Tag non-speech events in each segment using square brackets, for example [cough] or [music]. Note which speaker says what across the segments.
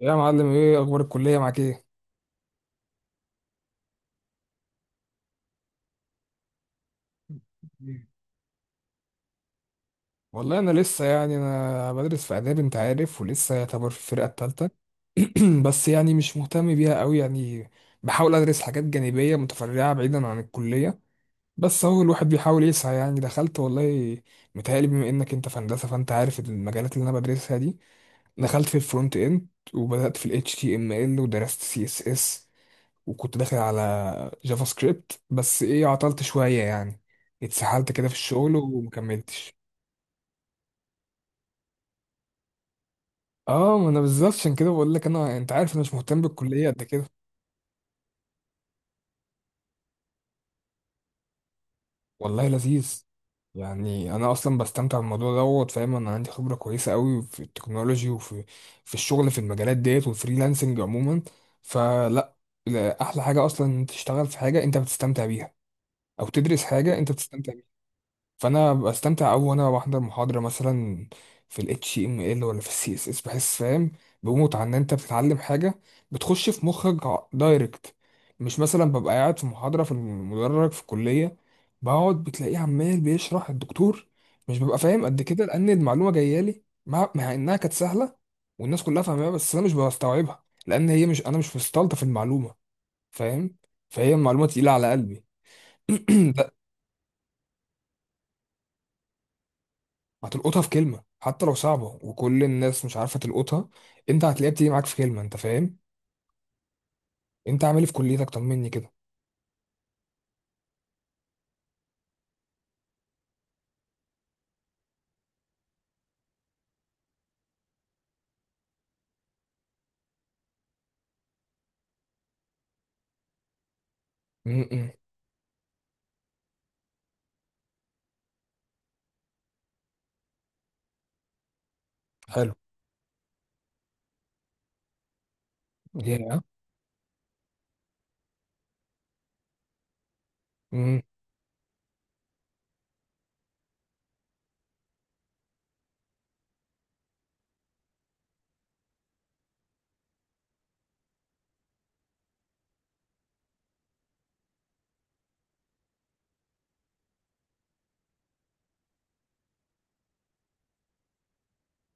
Speaker 1: يا معلم، ايه اخبار الكليه معاك؟ ايه والله، انا لسه يعني انا بدرس في اداب انت عارف، ولسه يعتبر في الفرقه الثالثه. [clears throat] بس مش مهتم بيها قوي يعني. بحاول ادرس حاجات جانبيه متفرعه بعيدا عن الكليه. بس هو الواحد بيحاول يسعى. يعني دخلت والله، متهيألي بما انك انت في هندسه فانت عارف المجالات اللي انا بدرسها دي. دخلت في الفرونت اند، وبدأت في ال HTML، ودرست CSS، وكنت داخل على جافا سكريبت، بس ايه، عطلت شوية يعني، اتسحلت كده في الشغل ومكملتش. اه، ما انا بالظبط عشان كده بقول لك، انا انت عارف، انا مش مهتم بالكلية قد كده. والله لذيذ. يعني انا اصلا بستمتع بالموضوع دوت، فاهم؟ انا عندي خبرة كويسة قوي في التكنولوجي، وفي الشغل، في المجالات ديت والفريلانسنج عموما. فلا، لا، احلى حاجة اصلا انت تشتغل في حاجة انت بتستمتع بيها، او تدرس حاجة انت بتستمتع. فانا بستمتع قوي، وانا بحضر محاضره مثلا في ال HTML ولا في ال CSS بحس فاهم، بموت عن ان انت بتتعلم حاجه بتخش في مخك دايركت. مش مثلا ببقى قاعد في محاضره في المدرج في الكليه، بقعد بتلاقيه عمال بيشرح الدكتور، مش ببقى فاهم قد كده، لان المعلومه جايه لي مع انها كانت سهله والناس كلها فاهماها، بس انا مش بستوعبها، لان هي مش مستلطف المعلومه، فاهم؟ فهي المعلومه تقيله على قلبي. [clears throat] هتلقطها في كلمة حتى لو صعبة وكل الناس مش عارفة تلقطها، انت هتلاقيها بتيجي معاك في كلمة، انت فاهم. انت عامل إيه في كليتك؟ طمني كده. إمم. حلو. يا امم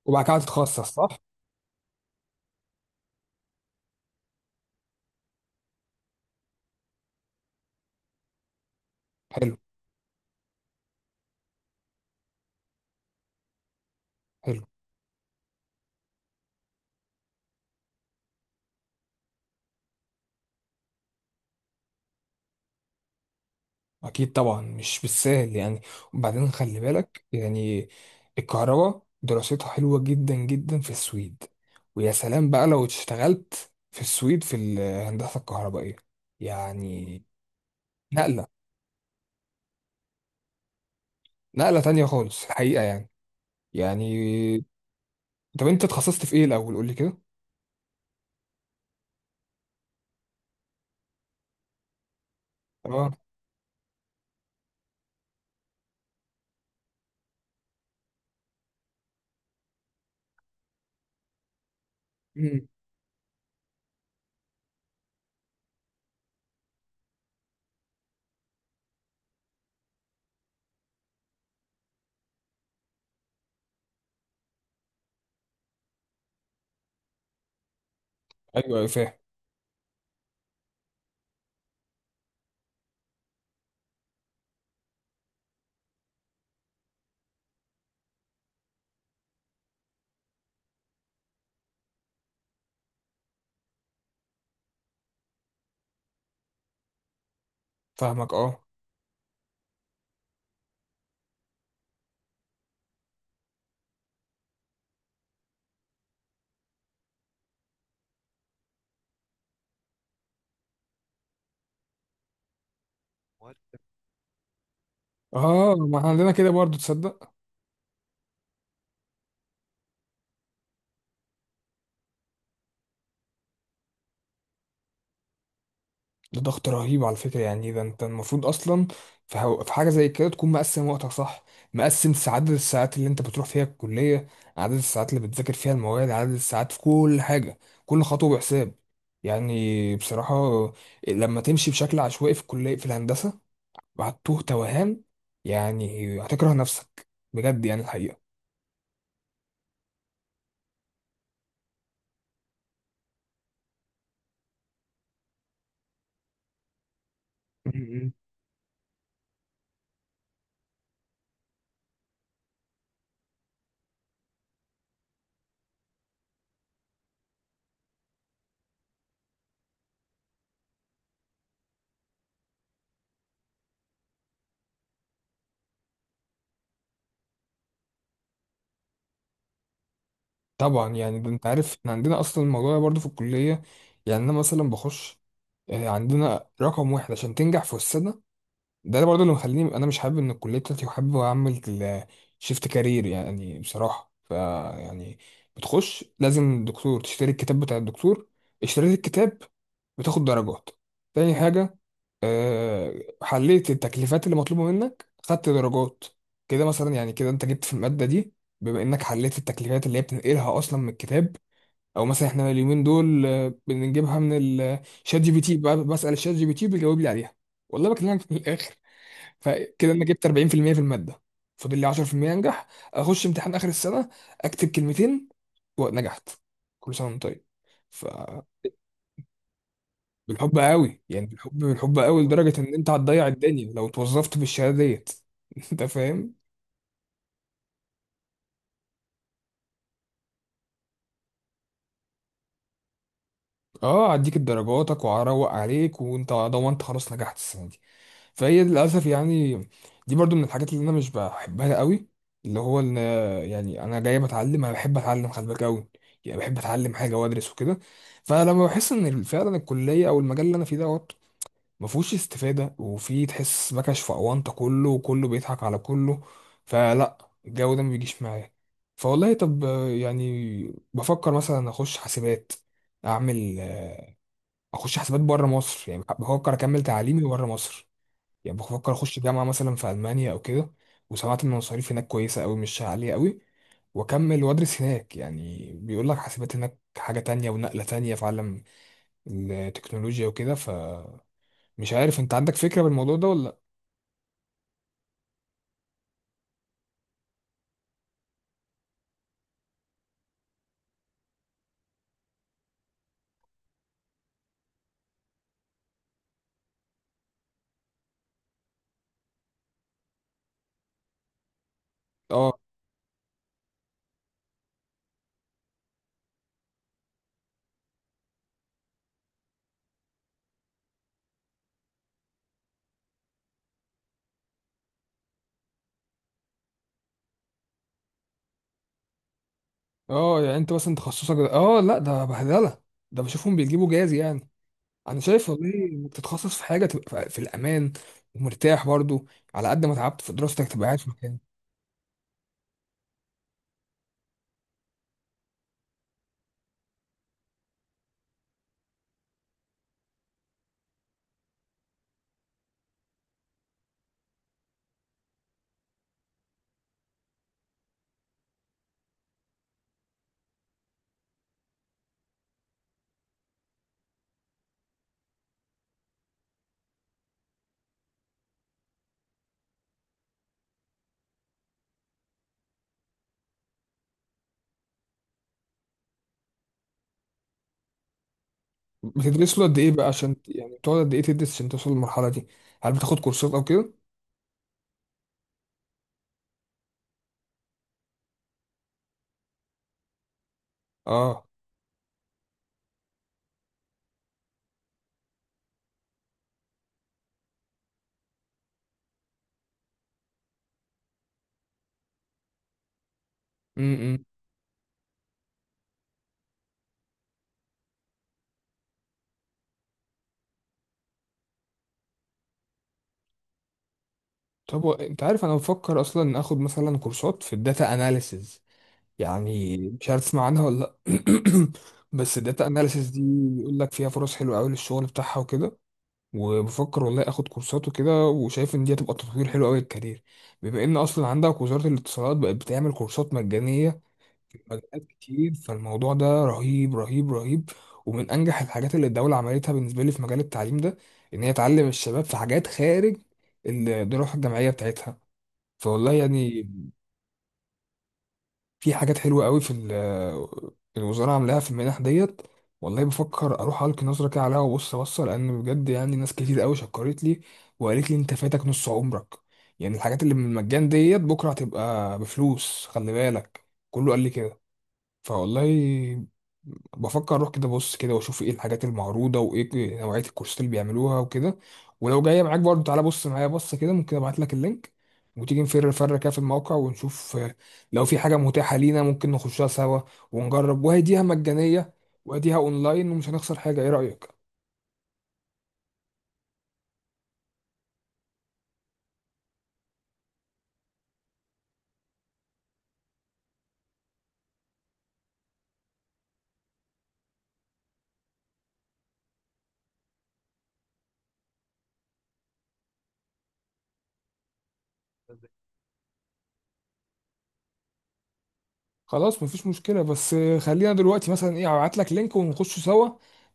Speaker 1: وبعد كده هتتخصص، صح؟ حلو. حلو. اكيد طبعا، مش بالسهل يعني. وبعدين خلي بالك يعني، الكهرباء دراستها حلوة جدا جدا في السويد، ويا سلام بقى لو اشتغلت في السويد في الهندسة الكهربائية يعني. نقلة، نقلة تانية خالص الحقيقة يعني، يعني. طب انت اتخصصت في ايه الاول؟ قول لي كده. اه. مم. ايوه ايوه، فاهم. فاهمك، اه. اه، ما احنا عندنا كده برضو، تصدق؟ ده ضغط رهيب على فكره. يعني إيه ده، انت المفروض اصلا في حاجه زي كده تكون مقسم وقتك، صح؟ مقسم عدد الساعات اللي انت بتروح فيها الكليه، عدد الساعات اللي بتذاكر فيها المواد، عدد الساعات في كل حاجه. كل خطوه بحساب يعني، بصراحه. لما تمشي بشكل عشوائي في الكليه في الهندسه، وهتوه توهان يعني، هتكره نفسك بجد يعني. الحقيقه، طبعا. يعني ده انت عارف، احنا عندنا اصلا الموضوع ده برضه في الكليه. يعني انا مثلا بخش، عندنا رقم واحد عشان تنجح في السنه. ده برضه اللي مخليني انا مش حابب ان الكليه بتاعتي، وحابب اعمل شيفت كارير يعني بصراحه، ف يعني، بتخش لازم دكتور تشتري الكتاب بتاع الدكتور. اشتريت الكتاب بتاخد درجات. تاني حاجة، آه، حليت التكليفات اللي مطلوبة منك، خدت درجات. كده مثلا يعني كده انت جبت في المادة دي، بما انك حليت التكليفات اللي هي بتنقلها اصلا من الكتاب، او مثلا احنا اليومين دول بنجيبها من الشات جي بي تي بسأل الشات جي بي تي بيجاوب لي عليها والله، بكلمك من الاخر. فكده انا جبت 40% في المية في المادة، فاضل لي 10% انجح. اخش امتحان اخر السنة، اكتب كلمتين، ونجحت. كل سنة وانت طيب. بالحب قوي يعني، بالحب، بالحب قوي، لدرجة ان انت هتضيع الدنيا لو اتوظفت بالشهادة ديت. [laughs] انت فاهم. اه، هديك درجاتك وهروق عليك، وانت ضمنت خلاص نجحت السنة دي. فهي للأسف يعني، دي برضو من الحاجات اللي انا مش بحبها قوي، اللي هو ان، يعني انا جاي بتعلم، انا بحب اتعلم، خلي بالك قوي، يعني بحب اتعلم حاجة وادرس وكده. فلما بحس ان فعلا الكلية او المجال اللي انا فيه ده ما فيهوش استفادة، وفي تحس مكش في أونطة، كله وكله بيضحك على كله، فلا، الجو ده ما بيجيش معايا. فوالله، طب يعني بفكر مثلا أخش حاسبات، أعمل أخش حاسبات بره مصر. يعني بفكر أكمل تعليمي بره مصر، يعني بفكر أخش جامعة مثلا في ألمانيا أو كده. وسمعت إن المصاريف هناك كويسة أوي، مش عالية أوي، وأكمل وأدرس هناك. يعني بيقول لك حاسبات هناك حاجة تانية ونقلة تانية في عالم التكنولوجيا وكده. فمش عارف، أنت عندك فكرة بالموضوع ده ولا؟ اه. اه يعني انت مثلا اه لا، ده بهدله، ده بشوفهم بيجيبوا جاز يعني. انا شايف والله انك تتخصص في حاجه تبقى في الامان ومرتاح برضو، على قد ما تعبت في دراستك تبقى قاعد في مكان. بتدرس له قد ايه بقى عشان يعني بتقعد قد ايه تدرس عشان توصل للمرحله دي؟ هل بتاخد كورسات او كده؟ اه. إمم. طب انت عارف، انا بفكر اصلا اخد مثلا كورسات في الداتا اناليسز. يعني مش عارف تسمع عنها ولا لا. [clears throat] بس الداتا اناليسز دي يقول لك فيها فرص حلوه قوي للشغل بتاعها وكده. وبفكر والله اخد كورسات وكده، وشايف ان دي هتبقى تطوير حلو قوي للكارير، بما ان اصلا عندك وزارة الاتصالات بقت بتعمل كورسات مجانية في مجالات كتير. فالموضوع ده رهيب رهيب رهيب، ومن انجح الحاجات اللي الدولة عملتها بالنسبة لي في مجال التعليم ده، ان هي تعلم الشباب في حاجات خارج الدراسة الجامعية بتاعتها. فوالله يعني، في حاجات حلوة قوي الوزارة عاملاها في المنح ديت. والله بفكر اروح القي نظرة كده عليها وابص بص، لان بجد يعني ناس كتير قوي شكرت لي، وقالت لي انت فاتك نص عمرك. يعني الحاجات اللي من المجان ديت بكرة هتبقى بفلوس، خلي بالك. كله قال لي كده. فوالله بفكر اروح كده بص كده، واشوف ايه الحاجات المعروضه، وايه نوعيه الكورسات اللي بيعملوها وكده. ولو جايه معاك برضه، تعالى بص معايا بص كده، ممكن ابعت لك اللينك، وتيجي نفر كده في الموقع، ونشوف لو في حاجه متاحه لينا ممكن نخشها سوا ونجرب. وهديها مجانيه، وهديها اونلاين، ومش هنخسر حاجه. ايه رايك؟ خلاص مفيش مشكله. بس خلينا دلوقتي مثلا ايه، ابعت لك لينك ونخش سوا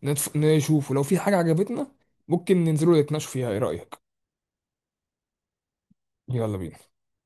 Speaker 1: نشوف، ولو في حاجه عجبتنا ممكن ننزلوا نتناقشوا فيها. ايه رايك؟ يلا بينا.